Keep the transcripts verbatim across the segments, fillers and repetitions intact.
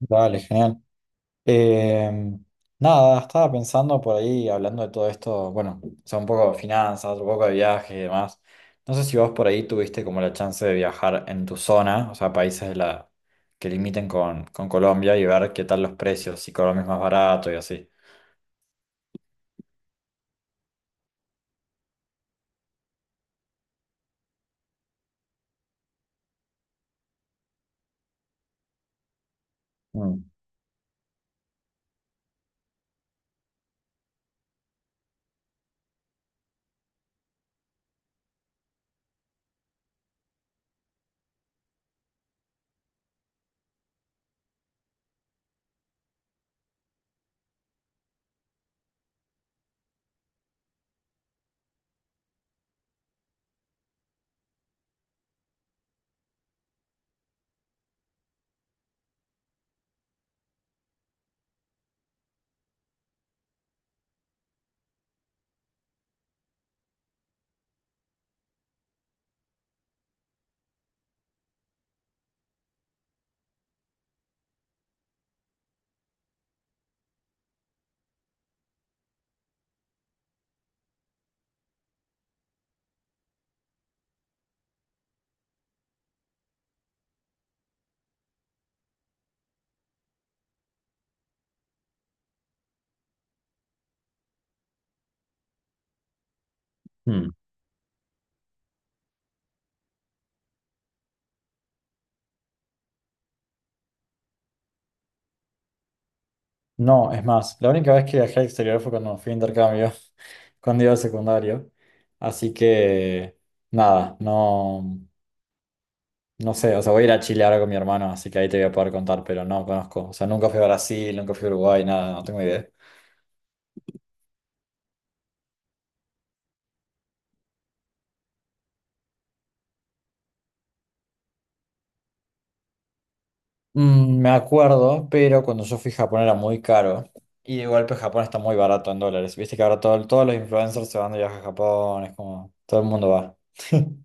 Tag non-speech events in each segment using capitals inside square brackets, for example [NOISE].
Dale, genial. Eh, Nada, estaba pensando por ahí, hablando de todo esto, bueno, o sea, un poco de finanzas, un poco de viajes y demás. No sé si vos por ahí tuviste como la chance de viajar en tu zona, o sea, países de la, que limiten con, con Colombia y ver qué tal los precios, si Colombia es más barato y así. Mm, mm. No, es más, la única vez que viajé al exterior fue cuando fui a intercambio, [LAUGHS] cuando iba al secundario. Así que, nada, no. No sé, o sea, voy a ir a Chile ahora con mi hermano, así que ahí te voy a poder contar, pero no conozco. O sea, nunca fui a Brasil, nunca fui a Uruguay, nada, no tengo idea. Mm, me acuerdo, pero cuando yo fui a Japón era muy caro. Y de golpe Japón está muy barato en dólares. Viste que ahora todo- todos los influencers se van de viaje a Japón, es como todo el mundo va. [LAUGHS]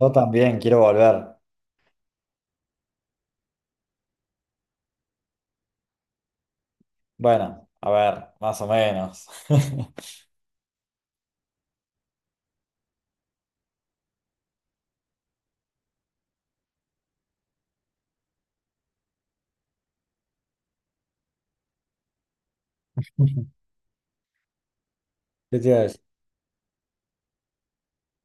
Yo también quiero volver. Bueno, a ver, más o menos. [LAUGHS] ¿Qué te iba a decir?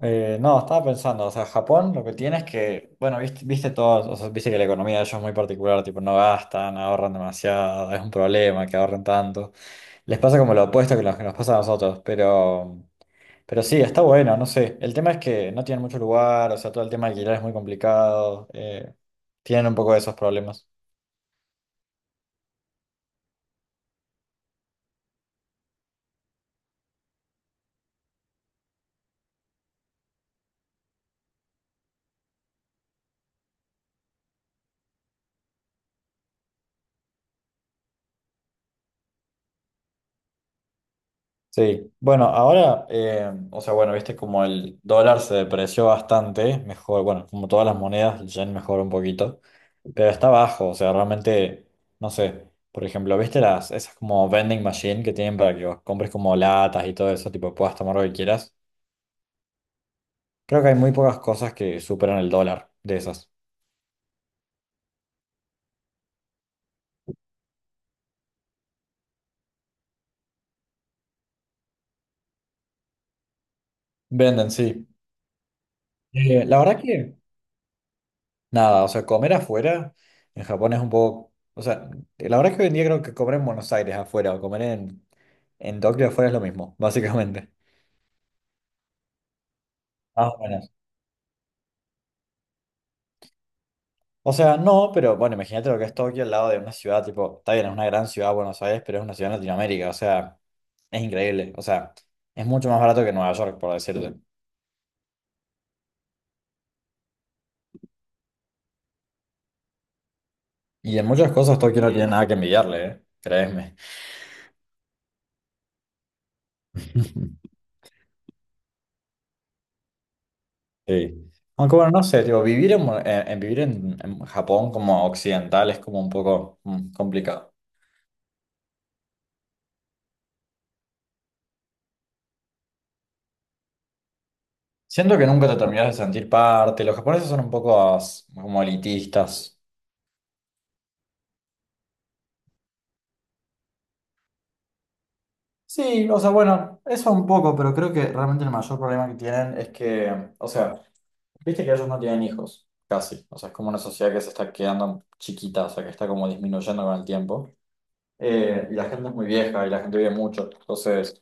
Eh, no, estaba pensando, o sea, Japón lo que tiene es que, bueno, viste, viste todos, o sea, viste que la economía de ellos es muy particular, tipo, no gastan, ahorran demasiado, es un problema que ahorren tanto. Les pasa como lo opuesto que lo que nos pasa a nosotros, pero, pero sí, está bueno, no sé. El tema es que no tienen mucho lugar, o sea, todo el tema de alquiler es muy complicado, eh, tienen un poco de esos problemas. Sí, bueno, ahora, eh, o sea, bueno, viste como el dólar se depreció bastante, mejor, bueno, como todas las monedas, el yen mejoró un poquito, pero está bajo, o sea, realmente, no sé, por ejemplo, viste las, esas como vending machine que tienen para que vos compres como latas y todo eso, tipo, puedas tomar lo que quieras, creo que hay muy pocas cosas que superan el dólar de esas. Venden, sí. Eh, la verdad que... Nada, o sea, comer afuera en Japón es un poco, o sea, la verdad es que hoy en día creo que comer en Buenos Aires afuera o comer en, en Tokio afuera es lo mismo, [LAUGHS] básicamente. Más o menos. O sea, no, pero bueno, imagínate lo que es Tokio al lado de una ciudad, tipo, está bien, es una gran ciudad Buenos Aires, pero es una ciudad en Latinoamérica, o sea, es increíble, o sea, es mucho más barato que Nueva York, por decirte. Y en muchas cosas Tokio no tiene nada que envidiarle, ¿eh? Créeme. [LAUGHS] Sí. Aunque bueno, no sé, tipo, vivir en, Mon- en- en- vivir en, en Japón como occidental es como un poco mm, complicado. Siento que nunca te terminas de sentir parte. Los japoneses son un poco as- como elitistas. Sí, o sea, bueno, eso un poco, pero creo que realmente el mayor problema que tienen es que, o sea, viste que ellos no tienen hijos, casi. O sea, es como una sociedad que se está quedando chiquita, o sea, que está como disminuyendo con el tiempo. Eh, y la gente es muy vieja y la gente vive mucho. Entonces...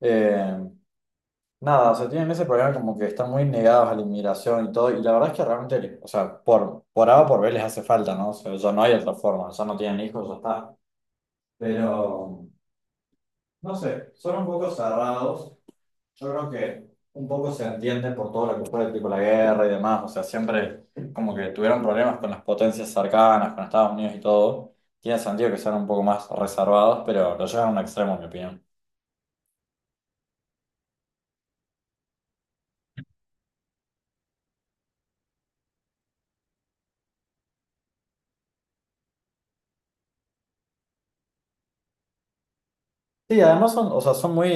eh, Nada, o sea, tienen ese problema como que están muy negados a la inmigración y todo, y la verdad es que realmente, o sea, por, por A o por B les hace falta, ¿no? O sea, ya no hay otra forma, ya no tienen hijos, ya está. Pero, no sé, son un poco cerrados, yo creo que un poco se entiende por todo lo que fue, tipo la guerra y demás, o sea, siempre como que tuvieron problemas con las potencias cercanas, con Estados Unidos y todo, tiene sentido que sean un poco más reservados, pero lo llevan a un extremo, en mi opinión. Sí, además son, o sea, son muy,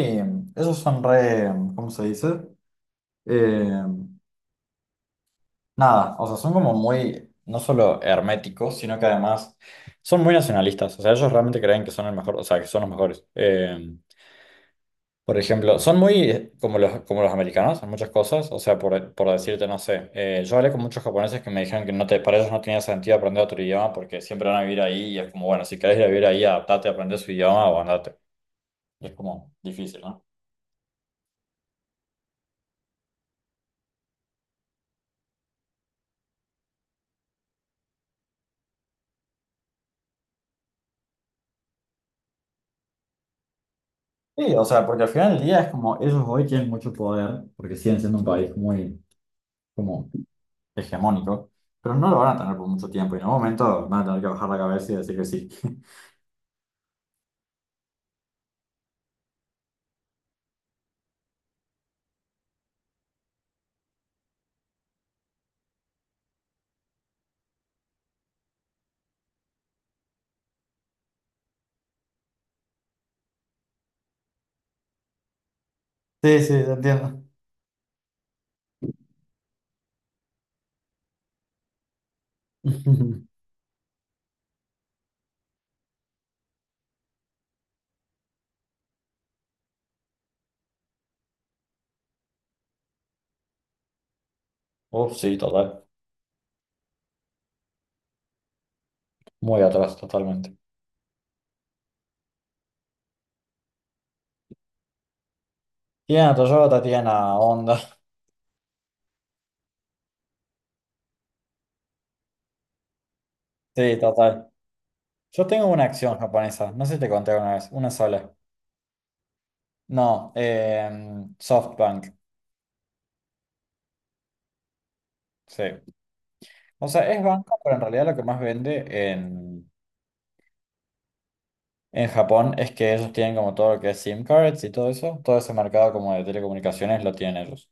esos son re, ¿cómo se dice? Eh, Nada, o sea, son como muy, no solo herméticos, sino que además son muy nacionalistas. O sea, ellos realmente creen que son el mejor, o sea, que son los mejores. Eh, por ejemplo, son muy eh, como los, como los americanos en muchas cosas. O sea, por, por decirte, no sé, eh, yo hablé con muchos japoneses que me dijeron que no te, para ellos no tenía sentido aprender otro idioma porque siempre van a vivir ahí y es como, bueno, si querés ir a vivir ahí, adaptate, aprende su idioma o andate. Es como difícil, ¿no? Sí, o sea, porque al final del día es como ellos hoy tienen mucho poder, porque siguen siendo un país muy como hegemónico, pero no lo van a tener por mucho tiempo y en algún momento van a tener que bajar la cabeza y decir que sí. [LAUGHS] Sí, sí, te entiendo. [LAUGHS] Uf, sí, total. Muy atrás, totalmente. Tienen a Toyota, tienen a Honda. [LAUGHS] Sí, total. Yo tengo una acción japonesa, no sé si te conté una vez, una sola. No, eh, SoftBank. Sí. O sea, es banco, pero en realidad lo que más vende en, en Japón es que ellos tienen como todo lo que es SIM cards y todo eso. Todo ese mercado como de telecomunicaciones lo tienen ellos.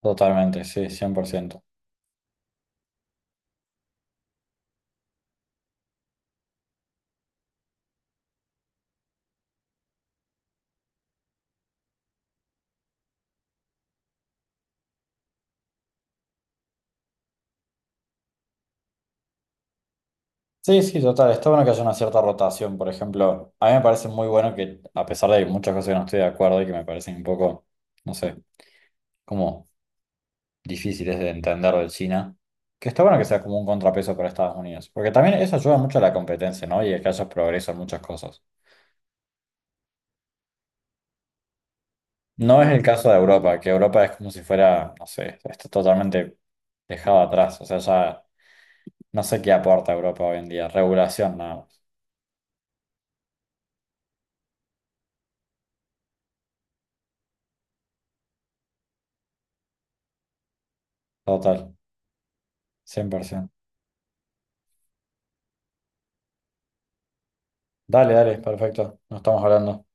Totalmente, sí, cien por ciento. Sí, sí, total. Está bueno que haya una cierta rotación. Por ejemplo, a mí me parece muy bueno que, a pesar de que muchas cosas que no estoy de acuerdo y que me parecen un poco, no sé, como difíciles de entender de China, que está bueno que sea como un contrapeso para Estados Unidos. Porque también eso ayuda mucho a la competencia, ¿no? Y a que haya progreso en muchas cosas. No es el caso de Europa, que Europa es como si fuera, no sé, está totalmente dejado atrás. O sea, ya no sé qué aporta Europa hoy en día. Regulación nada más. Total, cien por ciento. Dale, dale, perfecto. Nos estamos hablando.